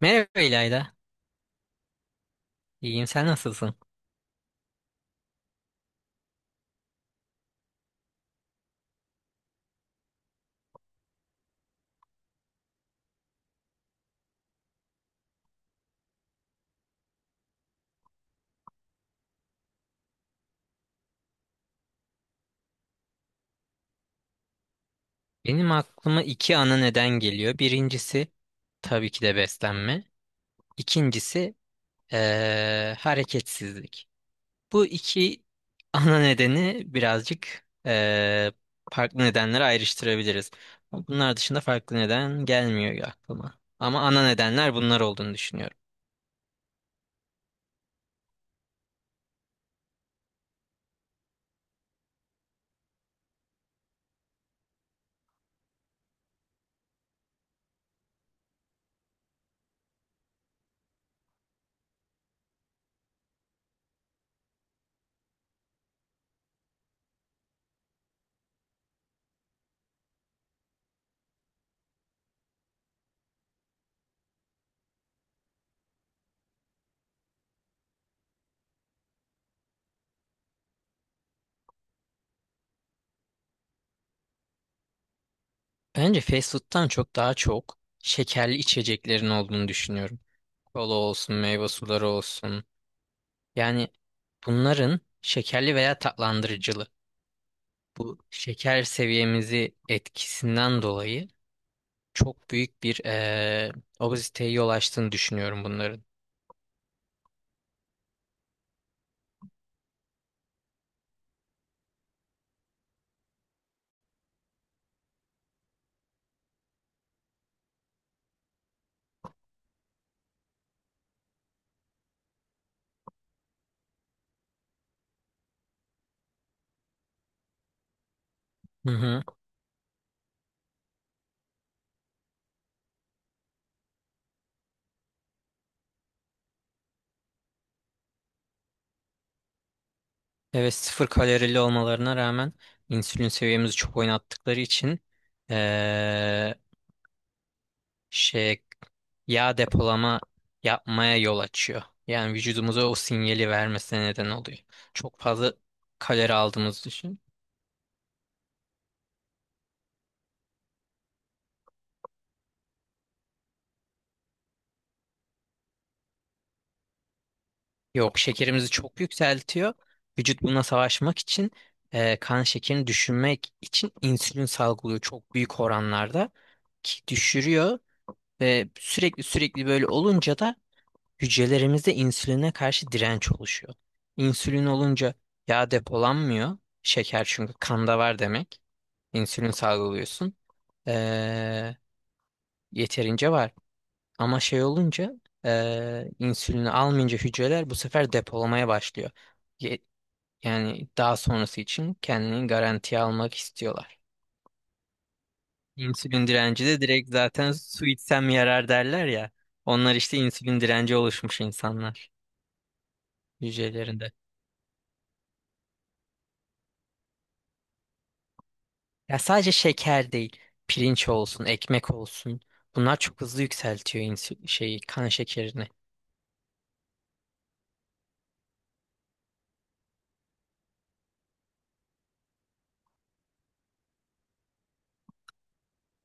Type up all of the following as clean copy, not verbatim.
Merhaba İlayda. İyiyim, sen nasılsın? Benim aklıma iki ana neden geliyor. Birincisi tabii ki de beslenme. İkincisi hareketsizlik. Bu iki ana nedeni birazcık farklı nedenlere ayrıştırabiliriz. Bunlar dışında farklı neden gelmiyor aklıma. Ama ana nedenler bunlar olduğunu düşünüyorum. Bence fast food'tan çok daha çok şekerli içeceklerin olduğunu düşünüyorum. Kola olsun, meyve suları olsun. Yani bunların şekerli veya tatlandırıcılı. Bu şeker seviyemizi etkisinden dolayı çok büyük bir obeziteye yol açtığını düşünüyorum bunların. Hı hı. Evet, sıfır kalorili olmalarına rağmen insülin seviyemizi çok oynattıkları için eee, şey yağ depolama yapmaya yol açıyor. Yani vücudumuza o sinyali vermesine neden oluyor. Çok fazla kalori aldığımız düşün. Yok, şekerimizi çok yükseltiyor. Vücut buna savaşmak için kan şekerini düşürmek için insülin salgılıyor çok büyük oranlarda ki düşürüyor ve sürekli böyle olunca da hücrelerimizde insüline karşı direnç oluşuyor. İnsülin olunca yağ depolanmıyor. Şeker çünkü kanda var demek. İnsülin salgılıyorsun. Ee, Yeterince var. Ama şey olunca insülini almayınca hücreler bu sefer depolamaya başlıyor. Ye- yani daha sonrası için kendini garantiye almak istiyorlar. İnsülin direnci de direkt zaten su içsem yarar derler ya. Onlar işte insülin direnci oluşmuş insanlar hücrelerinde. Ya sadece şeker değil, pirinç olsun, ekmek olsun. Bunlar çok hızlı yükseltiyor insü şeyi, kan şekerini.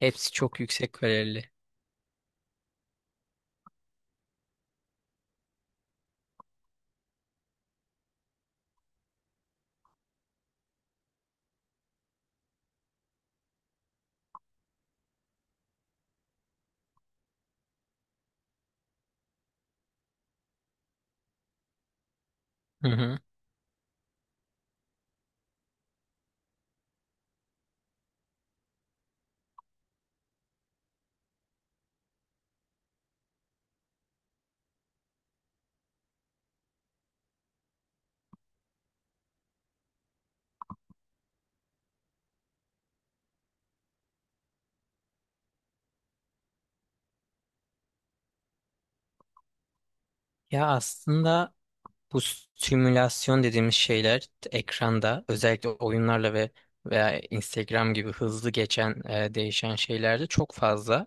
Hepsi çok yüksek kalorili. Hı hı. Ya aslında bu simülasyon dediğimiz şeyler ekranda özellikle oyunlarla veya Instagram gibi hızlı geçen değişen şeylerde çok fazla.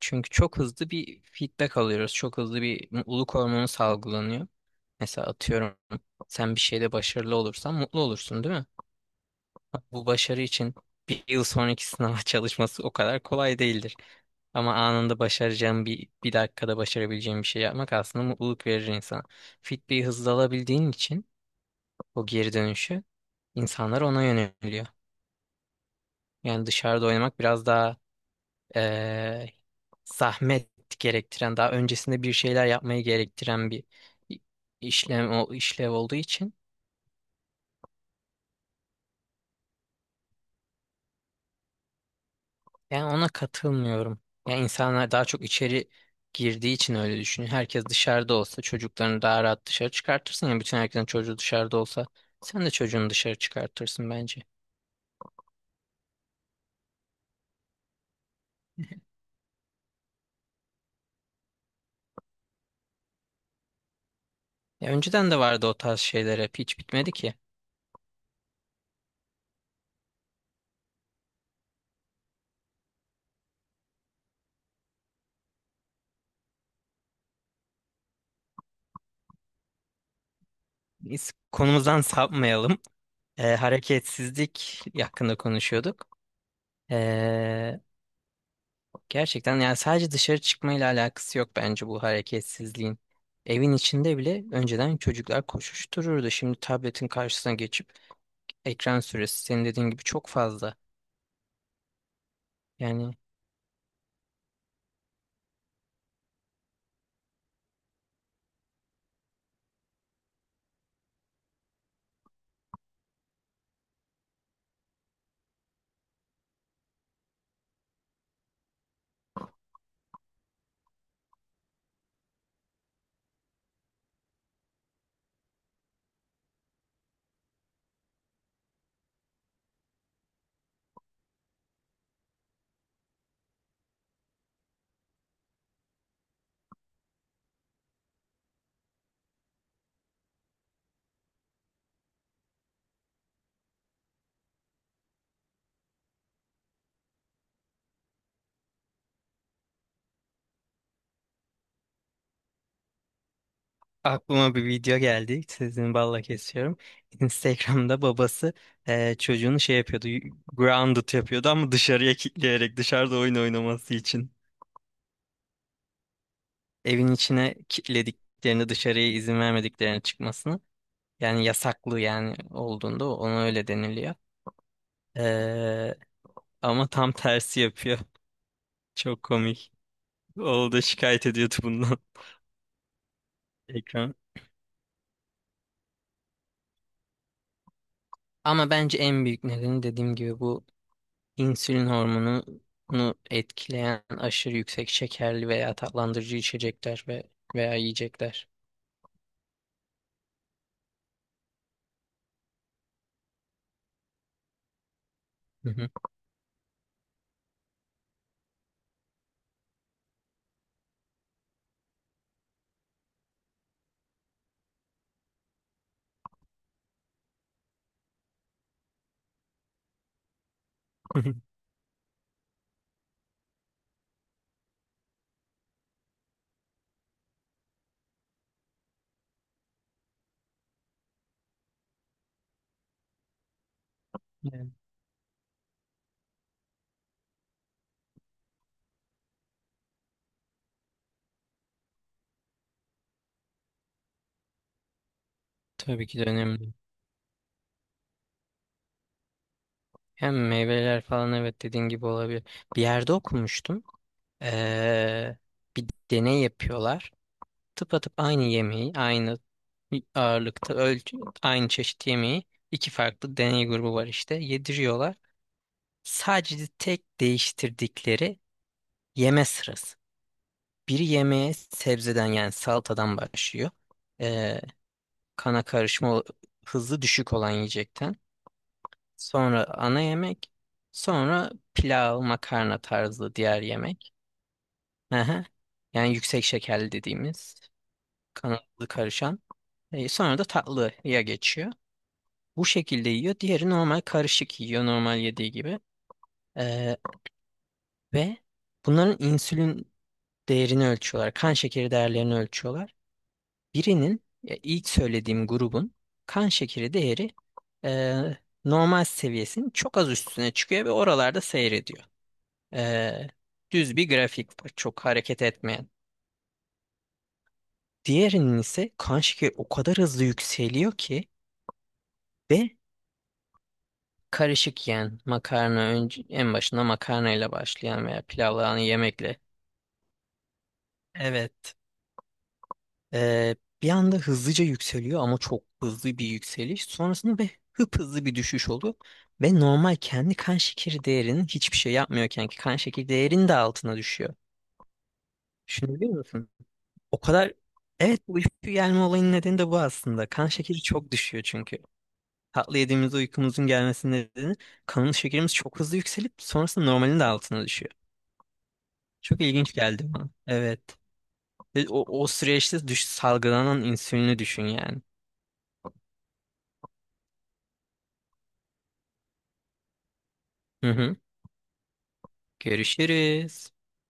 Çünkü çok hızlı bir feedback alıyoruz. Çok hızlı bir mutluluk hormonu salgılanıyor. Mesela atıyorum sen bir şeyde başarılı olursan mutlu olursun, değil mi? Bu başarı için bir yıl sonraki sınava çalışması o kadar kolay değildir. Ama anında başaracağım bir dakikada başarabileceğim bir şey yapmak aslında mutluluk verir insana. Fitbit'i hızlı alabildiğin için o geri dönüşü insanlar ona yöneliyor. Yani dışarıda oynamak biraz daha eee, zahmet gerektiren, daha öncesinde bir şeyler yapmayı gerektiren bir i- işlem o işlev olduğu için yani ona katılmıyorum. Yani insanlar daha çok içeri girdiği için öyle düşünüyor. Herkes dışarıda olsa çocuklarını daha rahat dışarı çıkartırsın ya, bütün herkesin çocuğu dışarıda olsa sen de çocuğunu dışarı çıkartırsın bence. Ya önceden de vardı o tarz şeyler, hep hiç bitmedi ki. Biz konumuzdan sapmayalım. Hareketsizlik hakkında konuşuyorduk. E, Gerçekten yani sadece dışarı çıkmayla alakası yok bence bu hareketsizliğin. Evin içinde bile önceden çocuklar koşuştururdu. Şimdi tabletin karşısına geçip ekran süresi senin dediğin gibi çok fazla. Yani aklıma bir video geldi. Sizin balla kesiyorum. Instagram'da babası çocuğunu şey yapıyordu. Grounded yapıyordu ama dışarıya kilitleyerek dışarıda oyun oynaması için. Evin içine kilitlediklerini, dışarıya izin vermediklerini çıkmasını. Yani yasaklı yani olduğunda ona öyle deniliyor. Ee, Ama tam tersi yapıyor. Çok komik. Oğlu da şikayet ediyordu bundan. Ekran. Ama bence en büyük nedeni dediğim gibi bu insülin hormonunu etkileyen aşırı yüksek şekerli veya tatlandırıcı içecekler veya yiyecekler. Hı hı. Yani, tabii ki de önemli. Hem meyveler falan, evet, dediğin gibi olabilir. Bir yerde okumuştum. Ee, Bir deney yapıyorlar. Tıpatıp aynı yemeği, aynı ağırlıkta ölçü, aynı çeşit yemeği iki farklı deney grubu var işte yediriyorlar. Sadece tek değiştirdikleri yeme sırası. Biri yemeğe sebzeden yani salatadan başlıyor. Ee, Kana karışma hızı düşük olan yiyecekten. Sonra ana yemek. Sonra pilav, makarna tarzı diğer yemek. Aha. Yani yüksek şekerli dediğimiz. Kanalı karışan. Sonra da tatlıya geçiyor. Bu şekilde yiyor. Diğeri normal karışık yiyor, normal yediği gibi. E, Ve bunların insülin değerini ölçüyorlar. Kan şekeri değerlerini ölçüyorlar. Birinin, ilk söylediğim grubun kan şekeri değeri e, normal seviyesinin çok az üstüne çıkıyor ve oralarda seyrediyor. E, Düz bir grafik var, çok hareket etmeyen. Diğerinin ise kan şekeri o kadar hızlı yükseliyor ki ve karışık yiyen, makarna önce, en başında makarnayla başlayan veya pilavla yemekle. Evet. Ee, Bir anda hızlıca yükseliyor ama çok hızlı bir yükseliş. Sonrasında ve hızlı bir düşüş oluyor. Ve normal kendi kan şekeri değerinin hiçbir şey yapmıyorken ki kan şekeri değerinin de altına düşüyor. Şunu biliyor musun? O kadar... Evet, bu uyku gelme olayının nedeni de bu aslında. Kan şekeri çok düşüyor çünkü. Tatlı yediğimizde uykumuzun gelmesinin nedeni kanın şekerimiz çok hızlı yükselip sonrasında normalin de altına düşüyor. Çok ilginç geldi bana. Evet. Ve o, o süreçte düş, salgılanan insülini düşün yani. Hı hı. Görüşürüz.